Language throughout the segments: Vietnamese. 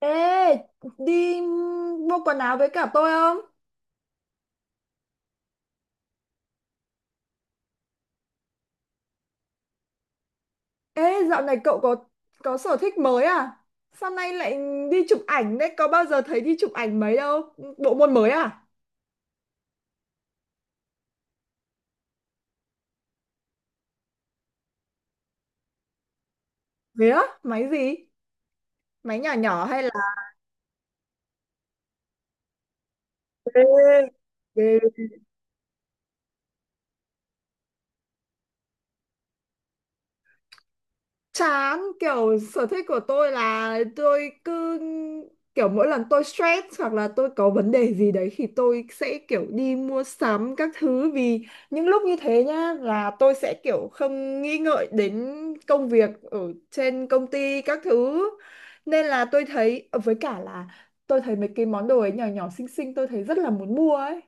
Ê, đi mua quần áo với cả tôi không? Ê, dạo này cậu có sở thích mới à? Sao nay lại đi chụp ảnh đấy? Có bao giờ thấy đi chụp ảnh mấy đâu? Bộ môn mới à? Thế á? Máy gì? Máy nhỏ nhỏ hay là Ghê, ghê. Chán, kiểu sở thích của tôi là tôi cứ kiểu, mỗi lần tôi stress hoặc là tôi có vấn đề gì đấy thì tôi sẽ kiểu đi mua sắm các thứ, vì những lúc như thế nhá là tôi sẽ kiểu không nghĩ ngợi đến công việc ở trên công ty các thứ, nên là tôi thấy với cả là tôi thấy mấy cái món đồ ấy nhỏ nhỏ xinh xinh, tôi thấy rất là muốn mua ấy.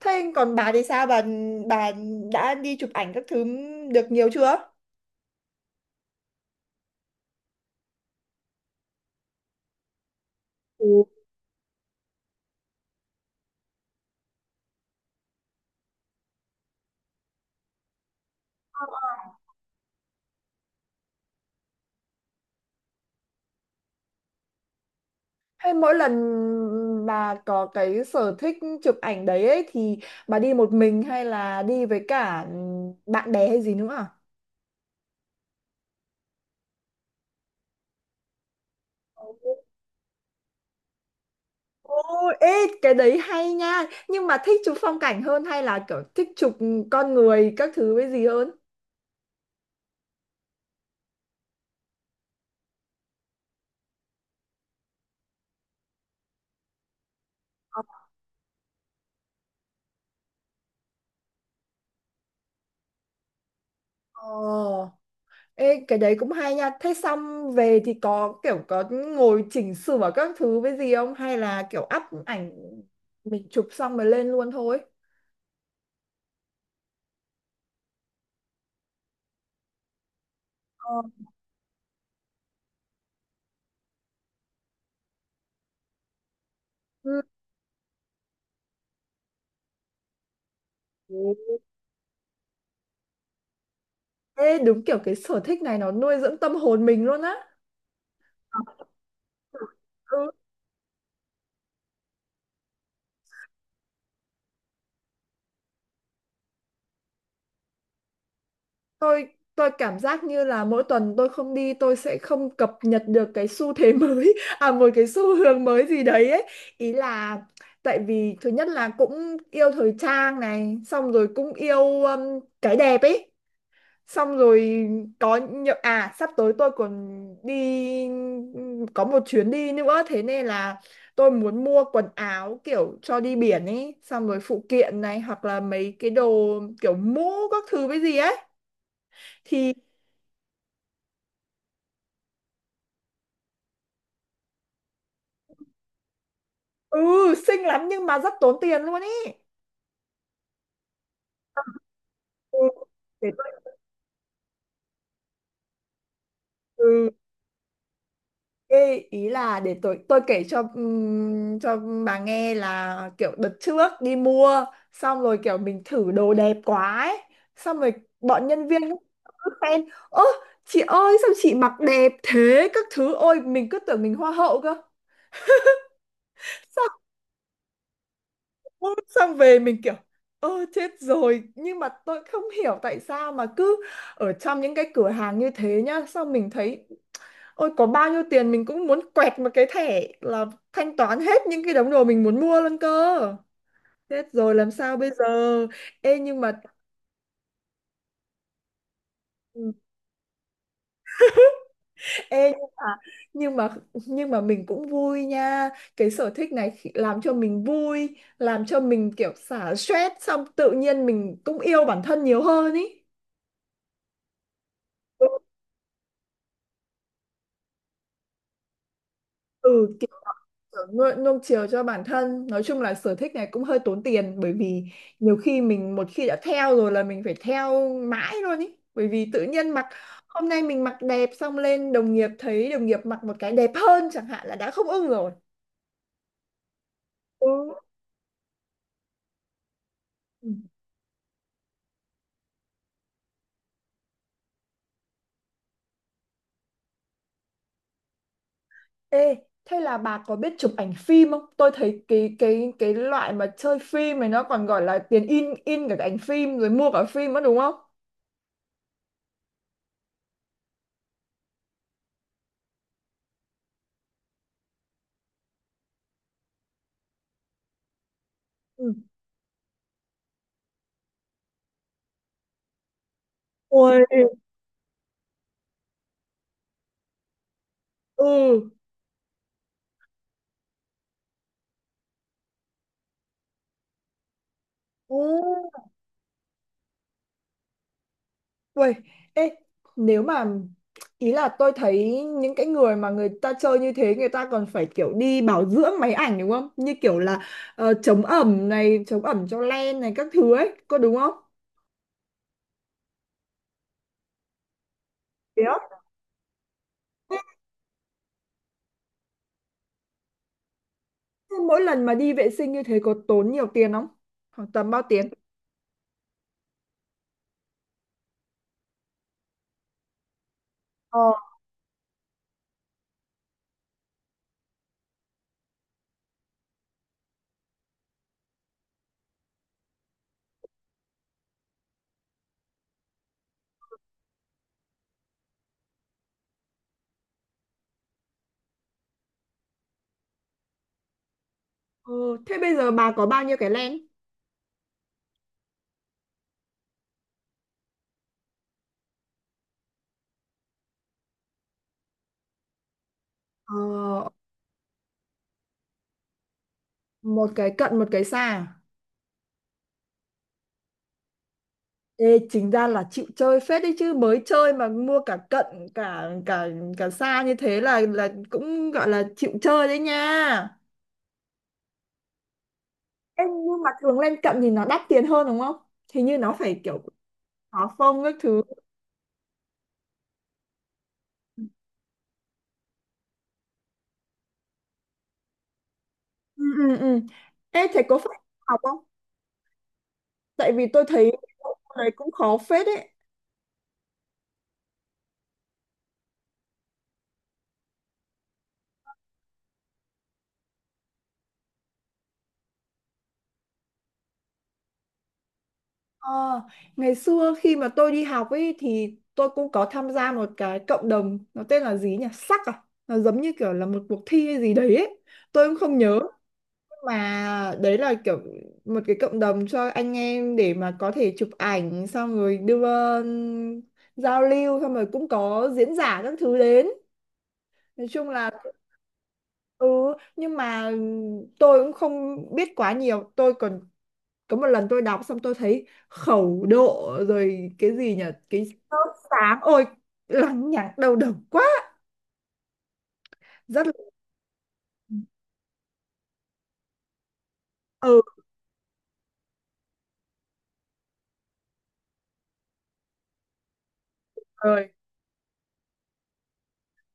Thế còn bà thì sao, bà bà đã đi chụp ảnh các thứ được nhiều chưa? Ừ. Hay mỗi lần bà có cái sở thích chụp ảnh đấy ấy, thì bà đi một mình hay là đi với cả bạn bè hay gì nữa à? Ồ, ê, cái đấy hay nha. Nhưng mà thích chụp phong cảnh hơn hay là kiểu thích chụp con người các thứ với gì hơn? Ồ, ê, cái đấy cũng hay nha. Thế xong về thì có kiểu có ngồi chỉnh sửa các thứ với gì không? Hay là kiểu up ảnh mình chụp xong rồi lên luôn thôi? Ờ. Ừ. Ê, đúng kiểu cái sở thích này nó nuôi dưỡng tâm hồn mình luôn á. Ừ, tôi tôi cảm giác như là mỗi tuần tôi không đi tôi sẽ không cập nhật được cái xu thế mới à, một cái xu hướng mới gì đấy ấy. Ý là tại vì thứ nhất là cũng yêu thời trang này, xong rồi cũng yêu cái đẹp ấy. Xong rồi có nhiều, à sắp tới tôi còn đi, có một chuyến đi nữa, thế nên là tôi muốn mua quần áo kiểu cho đi biển ấy, xong rồi phụ kiện này hoặc là mấy cái đồ kiểu mũ các thứ với gì ấy thì. Ừ, xinh lắm nhưng mà rất tốn tiền luôn ấy. Ừ, để tôi. Ừ. Ê, ý là để tôi kể cho bà nghe là kiểu đợt trước đi mua xong rồi kiểu mình thử đồ đẹp quá ấy. Xong rồi bọn nhân viên cứ khen, ơ chị ơi sao chị mặc đẹp thế các thứ, ôi mình cứ tưởng mình hoa hậu cơ. Ôi, xong về mình kiểu ơ chết rồi, nhưng mà tôi không hiểu tại sao mà cứ ở trong những cái cửa hàng như thế nhá, xong mình thấy ôi, có bao nhiêu tiền mình cũng muốn quẹt một cái thẻ là thanh toán hết những cái đống đồ mình muốn mua luôn cơ. Chết rồi làm sao bây giờ? Ê nhưng mà, ừ, ê nhưng mà nhưng mà mình cũng vui nha. Cái sở thích này làm cho mình vui, làm cho mình kiểu xả stress, xong tự nhiên mình cũng yêu bản thân nhiều hơn ý. Ừ, ừ, nuông chiều cho bản thân, nói chung là sở thích này cũng hơi tốn tiền, bởi vì nhiều khi mình một khi đã theo rồi là mình phải theo mãi luôn ý, bởi vì tự nhiên mặc hôm nay mình mặc đẹp xong lên đồng nghiệp thấy đồng nghiệp mặc một cái đẹp hơn chẳng hạn là đã không ưng rồi. Ừ. Ừ. Ê, thế là bà có biết chụp ảnh phim không? Tôi thấy cái loại mà chơi phim này nó còn gọi là tiền in in cả cái ảnh phim rồi mua cả phim nữa đúng không? Ừ. Ôi, ừ, ừ. Uầy, ê, nếu mà ý là tôi thấy những cái người mà người ta chơi như thế người ta còn phải kiểu đi bảo dưỡng máy ảnh đúng không? Như kiểu là chống ẩm này, chống ẩm cho len này các thứ ấy, có đúng không? Thế á? Thế mỗi lần mà đi vệ sinh như thế có tốn nhiều tiền không? Khoảng tầm bao tiền? Ờ. Ừ, thế bây giờ bà có bao nhiêu cái len? Ờ, một cái cận một cái xa, à? Ê, chính ra là chịu chơi phết đấy chứ, mới chơi mà mua cả cận cả cả cả xa như thế là cũng gọi là chịu chơi đấy nha. Ê, nhưng mà thường lên cận thì nó đắt tiền hơn đúng không? Thì như nó phải kiểu khó phông các thứ. Ừ, ừ, ừ. Ê, thầy có phải học không? Tại vì tôi thấy cái đấy cũng khó phết đấy. Ờ, ngày xưa khi mà tôi đi học ấy thì tôi cũng có tham gia một cái cộng đồng, nó tên là gì nhỉ? Sắc à? Nó giống như kiểu là một cuộc thi hay gì đấy ấy. Tôi cũng không nhớ. Mà đấy là kiểu một cái cộng đồng cho anh em để mà có thể chụp ảnh xong rồi đưa, um, giao lưu, xong rồi cũng có diễn giả các thứ đến, nói chung là. Ừ, nhưng mà tôi cũng không biết quá nhiều, tôi còn có một lần tôi đọc xong tôi thấy khẩu độ rồi cái gì nhỉ, cái sốt sáng, ôi lằng nhằng đầu độc quá, rất là. Ừ, rồi.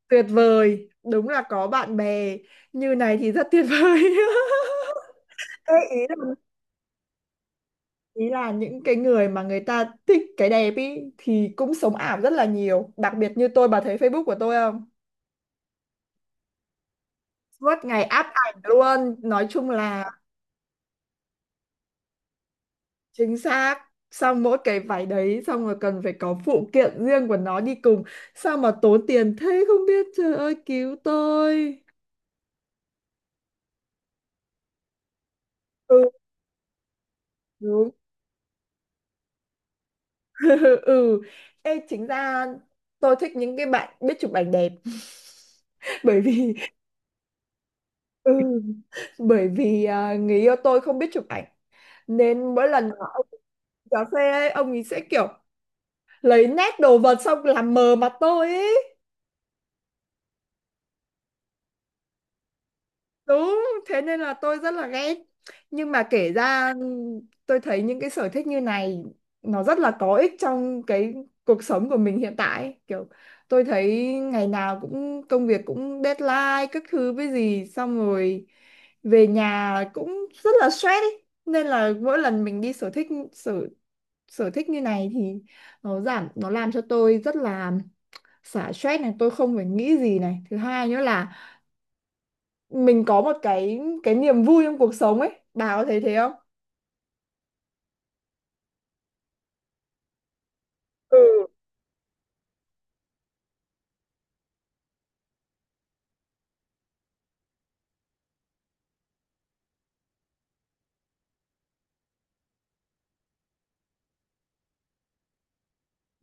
Tuyệt vời, đúng là có bạn bè như này thì rất tuyệt vời. Ê, ý là những cái người mà người ta thích cái đẹp ý thì cũng sống ảo rất là nhiều, đặc biệt như tôi, bà thấy Facebook của tôi không? Suốt ngày áp ảnh luôn, nói chung là. Chính xác. Xong mỗi cái váy đấy xong rồi cần phải có phụ kiện riêng của nó đi cùng. Sao mà tốn tiền thế không biết, trời ơi cứu tôi. Ừ, đúng. Ừ. Ê, chính ra tôi thích những cái bạn biết chụp ảnh đẹp bởi vì ừ, bởi vì à, người yêu tôi không biết chụp ảnh, nên mỗi lần mà ông cà phê ấy, ông ấy sẽ kiểu lấy nét đồ vật xong làm mờ mặt tôi ấy. Đúng, thế nên là tôi rất là ghét. Nhưng mà kể ra tôi thấy những cái sở thích như này nó rất là có ích trong cái cuộc sống của mình hiện tại ấy. Kiểu tôi thấy ngày nào cũng công việc, cũng deadline các thứ với gì, xong rồi về nhà cũng rất là stress ấy. Nên là mỗi lần mình đi sở thích, sở sở thích như này thì nó giảm, nó làm cho tôi rất là xả stress này, tôi không phải nghĩ gì này. Thứ hai nữa là mình có một cái niềm vui trong cuộc sống ấy, bà có thấy thế không? Ừ.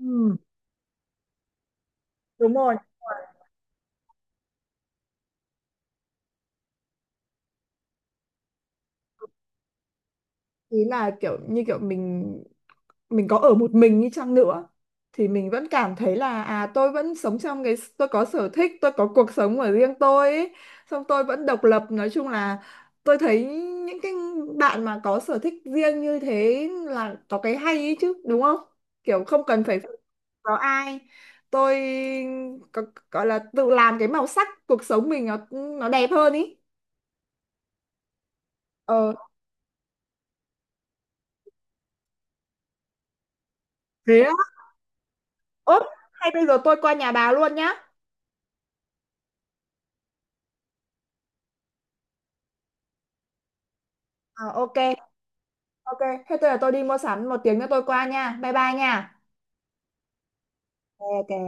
Ừ, đúng rồi. Ý là kiểu như kiểu mình có ở một mình đi chăng nữa thì mình vẫn cảm thấy là à tôi vẫn sống trong cái tôi có sở thích, tôi có cuộc sống của riêng tôi ấy. Xong tôi vẫn độc lập, nói chung là tôi thấy những cái bạn mà có sở thích riêng như thế là có cái hay ấy chứ đúng không, kiểu không cần phải phụ, có ai, tôi có, gọi là tự làm cái màu sắc cuộc sống mình nó đẹp hơn ý. Ờ. Thế á? Ốp, hay bây giờ tôi qua nhà bà luôn nhá? Ờ, ok, ok. Thế tôi là tôi đi mua sắm, một tiếng nữa tôi qua nha. Bye bye nha. Ok.